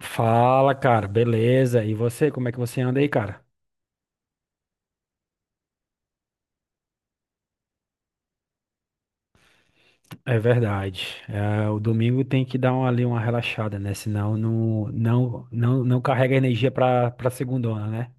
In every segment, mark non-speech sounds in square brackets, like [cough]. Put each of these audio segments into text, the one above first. Fala, cara, beleza? E você, como é que você anda aí, cara? É verdade. É, o domingo tem que dar ali uma relaxada, né? Senão não carrega energia pra segundona, né?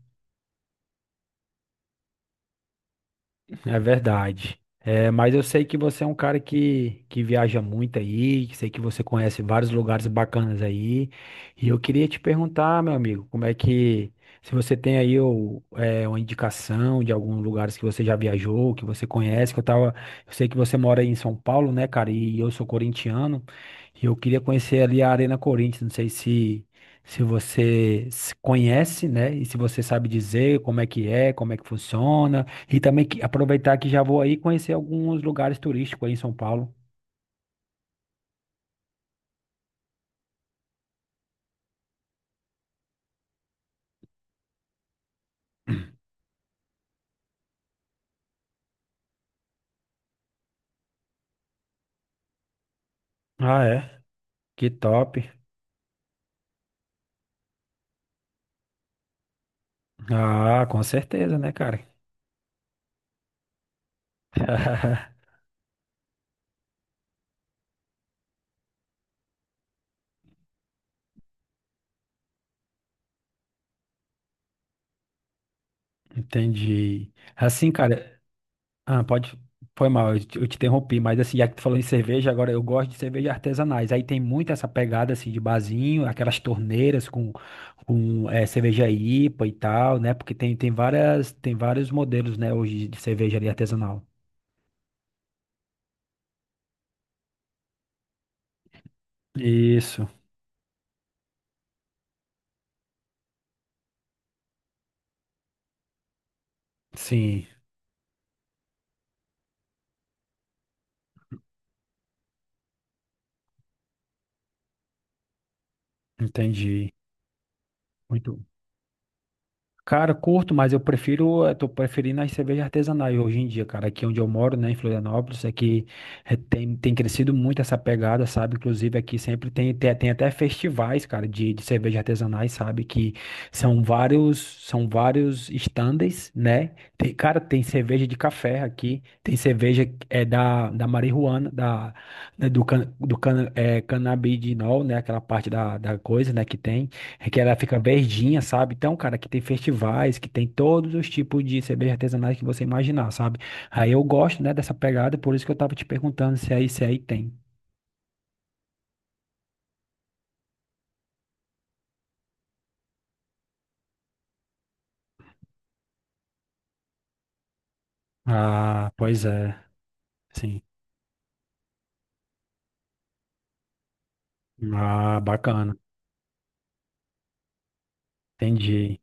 É verdade. É, mas eu sei que você é um cara que viaja muito aí, que sei que você conhece vários lugares bacanas aí. E eu queria te perguntar, meu amigo, se você tem aí uma indicação de alguns lugares que você já viajou, que você conhece, eu sei que você mora aí em São Paulo, né, cara? E eu sou corintiano, e eu queria conhecer ali a Arena Corinthians, não sei se você se conhece, né? E se você sabe dizer como é que é, como é que funciona. E também aproveitar que já vou aí conhecer alguns lugares turísticos aí em São Paulo. Ah, é? Que top. Ah, com certeza, né, cara? [laughs] Entendi. Assim, cara, ah, pode. Foi mal, eu te interrompi, mas assim, já que tu falou em cerveja, agora eu gosto de cerveja artesanais. Aí tem muito essa pegada assim de barzinho, aquelas torneiras com, com cerveja IPA e tal, né? Porque tem vários modelos, né, hoje de cerveja ali artesanal. Isso, sim, entendi. Muito. Cara, curto, mas eu tô preferindo as cervejas artesanais hoje em dia, cara. Aqui onde eu moro, né, em Florianópolis, aqui tem crescido muito essa pegada, sabe? Inclusive aqui sempre tem até festivais, cara, de cerveja artesanais, sabe? Que são vários, são vários stands, né? Tem, cara, tem cerveja de café aqui, tem cerveja da marihuana, da, né, do can, é, canabidinol, né? Aquela parte da coisa, né, que tem. É que ela fica verdinha, sabe? Então, cara, que tem festivais, que tem todos os tipos de cerveja artesanais que você imaginar, sabe? Aí eu gosto, né, dessa pegada, por isso que eu tava te perguntando se aí tem. Ah, pois é, sim. Ah, bacana. Entendi.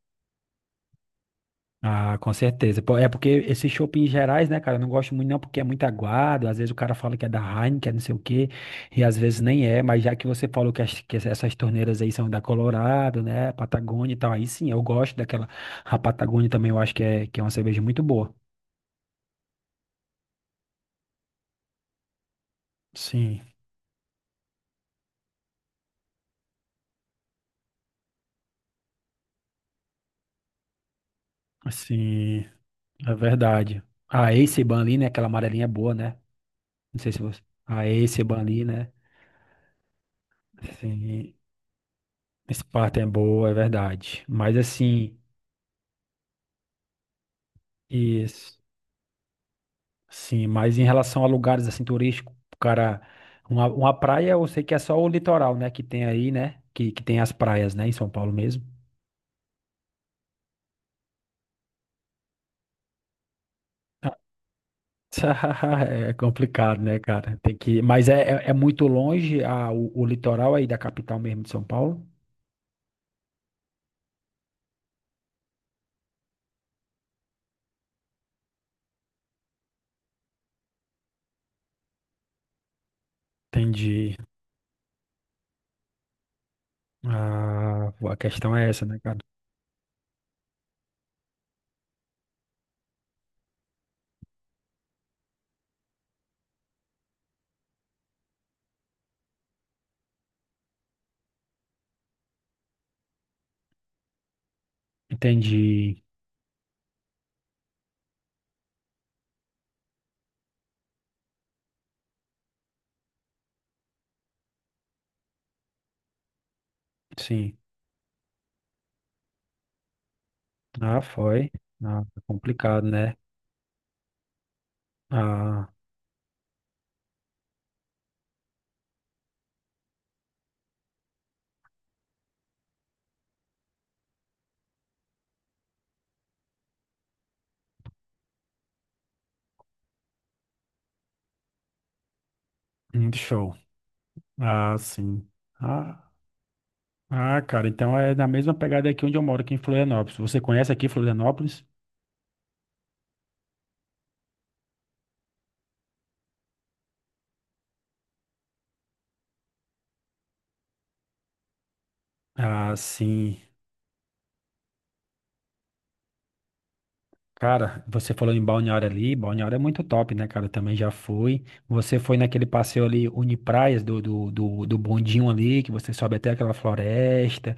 Ah, com certeza. Pô, é porque esses shoppings gerais, né, cara, eu não gosto muito não porque é muito aguado, às vezes o cara fala que é da Heineken, que é não sei o quê, e às vezes nem é, mas já que você falou que essas torneiras aí são da Colorado, né, Patagônia e tal, aí sim, eu gosto daquela, a Patagônia também eu acho que é uma cerveja muito boa. Sim, sim, é verdade. A Ace ali, né, aquela amarelinha é boa, né, não sei se você... A Ace ali, né, sim, Sparta é boa, é verdade, mas assim... Isso. Sim, mas em relação a lugares assim turísticos, cara, uma praia eu sei que é só o litoral, né, que tem aí, né, que tem as praias, né, em São Paulo mesmo. Ah, [laughs] é complicado, né, cara? Tem que, mas é muito longe o litoral aí da capital mesmo de São Paulo? Entendi. Ah, a questão é essa, né, cara? Entendi. Sim. Ah, foi. Ah, tá complicado, né? Ah, show. Ah, sim. Ah, Ah, cara, então é na mesma pegada aqui onde eu moro, aqui em Florianópolis. Você conhece aqui Florianópolis? Ah, sim. Cara, você falou em Balneário ali, Balneário é muito top, né, cara? Eu também já fui. Você foi naquele passeio ali, Unipraias, do bondinho ali, que você sobe até aquela floresta,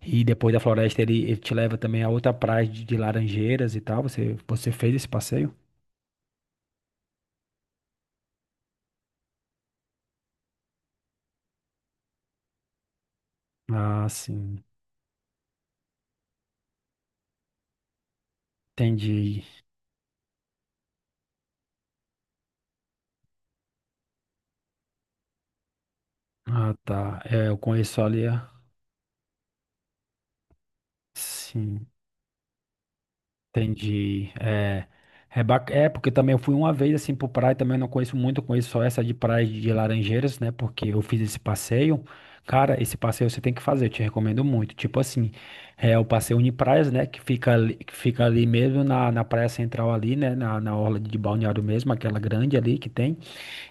e depois da floresta ele te leva também a outra praia de Laranjeiras e tal. Você fez esse passeio? Ah, sim. Entendi. Ah, tá. É, eu conheço ali, ah, sim. Entendi. Porque também eu fui uma vez assim pro praia, também eu não conheço muito, eu conheço só essa de praia de Laranjeiras, né? Porque eu fiz esse passeio. Cara, esse passeio você tem que fazer, eu te recomendo muito. Tipo assim, é o passeio Unipraias, né? Que fica ali mesmo na praia central ali, né? Na orla de Balneário mesmo, aquela grande ali que tem.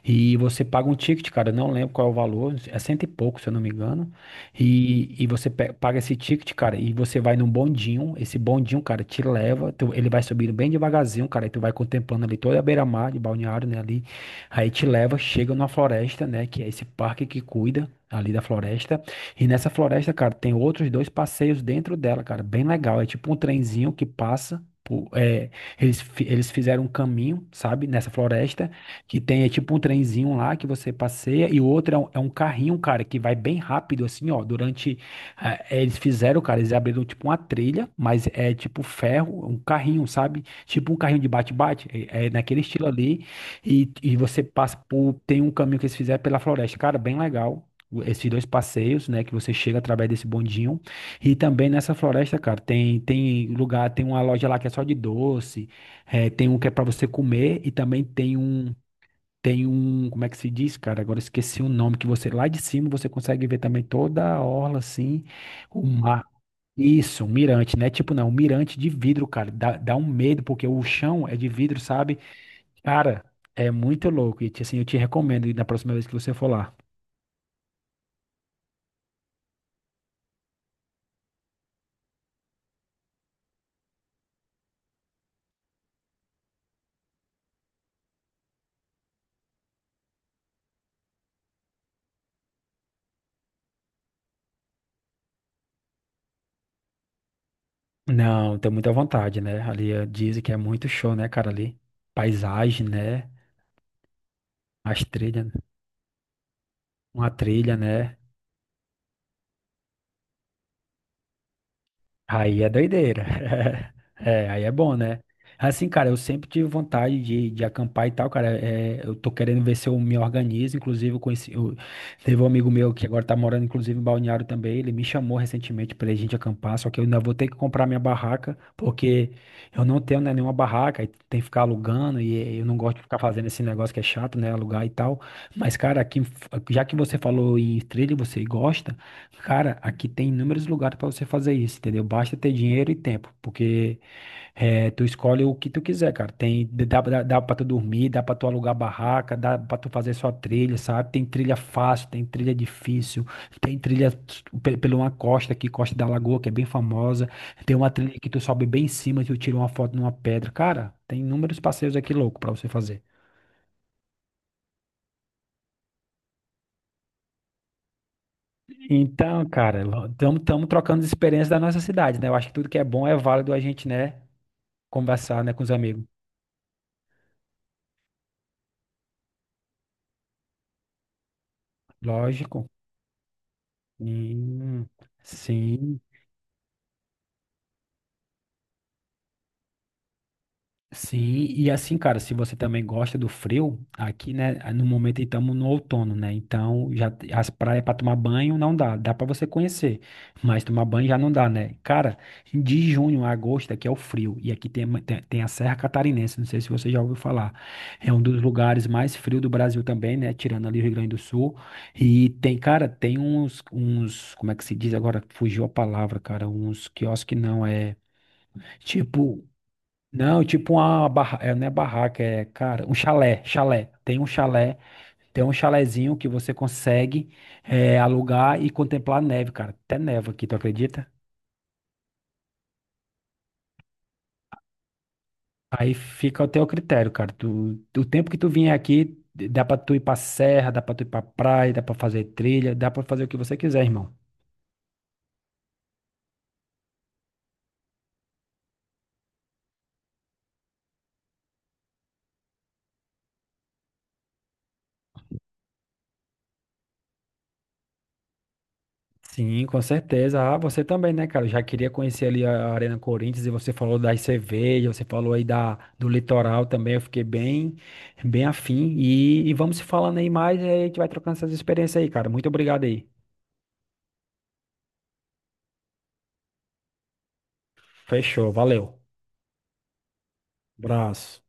E você paga um ticket, cara, não lembro qual é o valor, é cento e pouco, se eu não me engano. E você paga esse ticket, cara, e você vai num bondinho. Esse bondinho, cara, te leva, ele vai subindo bem devagarzinho, cara, e tu vai contemplando ali toda a beira-mar de Balneário, né, ali. Aí te leva, chega numa floresta, né, que é esse parque que cuida ali da floresta. E nessa floresta, cara, tem outros dois passeios dentro dela, cara, bem legal. É tipo um trenzinho que passa. Eles fizeram um caminho, sabe, nessa floresta. Que tem, é tipo um trenzinho lá que você passeia e o outro é um carrinho, um cara, que vai bem rápido, assim, ó. Durante. Ah, eles fizeram, cara, eles abriram tipo uma trilha, mas é tipo ferro, um carrinho, sabe? Tipo um carrinho de bate-bate, é naquele estilo ali. E você passa por. Tem um caminho que eles fizeram pela floresta, cara, bem legal. Esses dois passeios, né, que você chega através desse bondinho. E também nessa floresta, cara, tem lugar, tem uma loja lá que é só de doce, tem um que é para você comer e também tem um. Tem um, como é que se diz, cara? Agora eu esqueci o nome, que você lá de cima você consegue ver também toda a orla assim, o mar. Isso, um mirante, né? Tipo, não, um mirante de vidro, cara. Dá um medo, porque o chão é de vidro, sabe? Cara, é muito louco. E assim, eu te recomendo ir na próxima vez que você for lá. Não, tem muita vontade, né? Ali dizem que é muito show, né, cara? Ali, paisagem, né? As trilhas, uma trilha, né? Aí é doideira. [laughs] É, aí é bom, né? Assim, cara, eu sempre tive vontade de acampar e tal, cara. É, eu tô querendo ver se eu me organizo. Inclusive, teve um amigo meu que agora tá morando, inclusive, em Balneário também. Ele me chamou recentemente pra gente acampar, só que eu ainda vou ter que comprar minha barraca, porque eu não tenho, né, nenhuma barraca, e tem que ficar alugando, e eu não gosto de ficar fazendo esse negócio que é chato, né? Alugar e tal. Mas, cara, aqui, já que você falou em trilha, e você gosta. Cara, aqui tem inúmeros lugares para você fazer isso, entendeu? Basta ter dinheiro e tempo, porque tu escolhe o que tu quiser, cara. Tem, dá para tu dormir, dá para tu alugar barraca, dá para tu fazer sua trilha, sabe? Tem trilha fácil, tem trilha difícil, tem trilha pela uma costa aqui, Costa da Lagoa, que é bem famosa. Tem uma trilha que tu sobe bem em cima, tu tira uma foto numa pedra. Cara, tem inúmeros passeios aqui louco para você fazer. Então, cara, estamos trocando as experiências da nossa cidade, né? Eu acho que tudo que é bom é válido a gente, né? Conversar, né, com os amigos. Lógico. Hum, sim. Sim, e assim, cara, se você também gosta do frio, aqui, né, no momento estamos no outono, né? Então, as praias para tomar banho não dá, dá para você conhecer, mas tomar banho já não dá, né? Cara, de junho a agosto aqui é o frio, e aqui tem a Serra Catarinense, não sei se você já ouviu falar. É um dos lugares mais frios do Brasil também, né? Tirando ali o Rio Grande do Sul. E tem, cara, tem uns, como é que se diz agora? Fugiu a palavra, cara, uns quiosques não, é tipo. Não, tipo uma barra, é, não é barraca, é, cara, um chalé, chalé. Tem um chalé, tem um chalézinho que você consegue alugar e contemplar a neve, cara. Até neva aqui, tu acredita? Aí fica ao teu critério, cara. Tu, o tempo que tu vier aqui, dá pra tu ir pra serra, dá pra tu ir pra praia, dá pra fazer trilha, dá pra fazer o que você quiser, irmão. Sim, com certeza. Ah, você também, né, cara? Eu já queria conhecer ali a Arena Corinthians e você falou das cervejas, você falou aí da, do litoral também. Eu fiquei bem, bem afim. E vamos se falando aí mais e aí a gente vai trocando essas experiências aí, cara. Muito obrigado aí. Fechou, valeu. Abraço.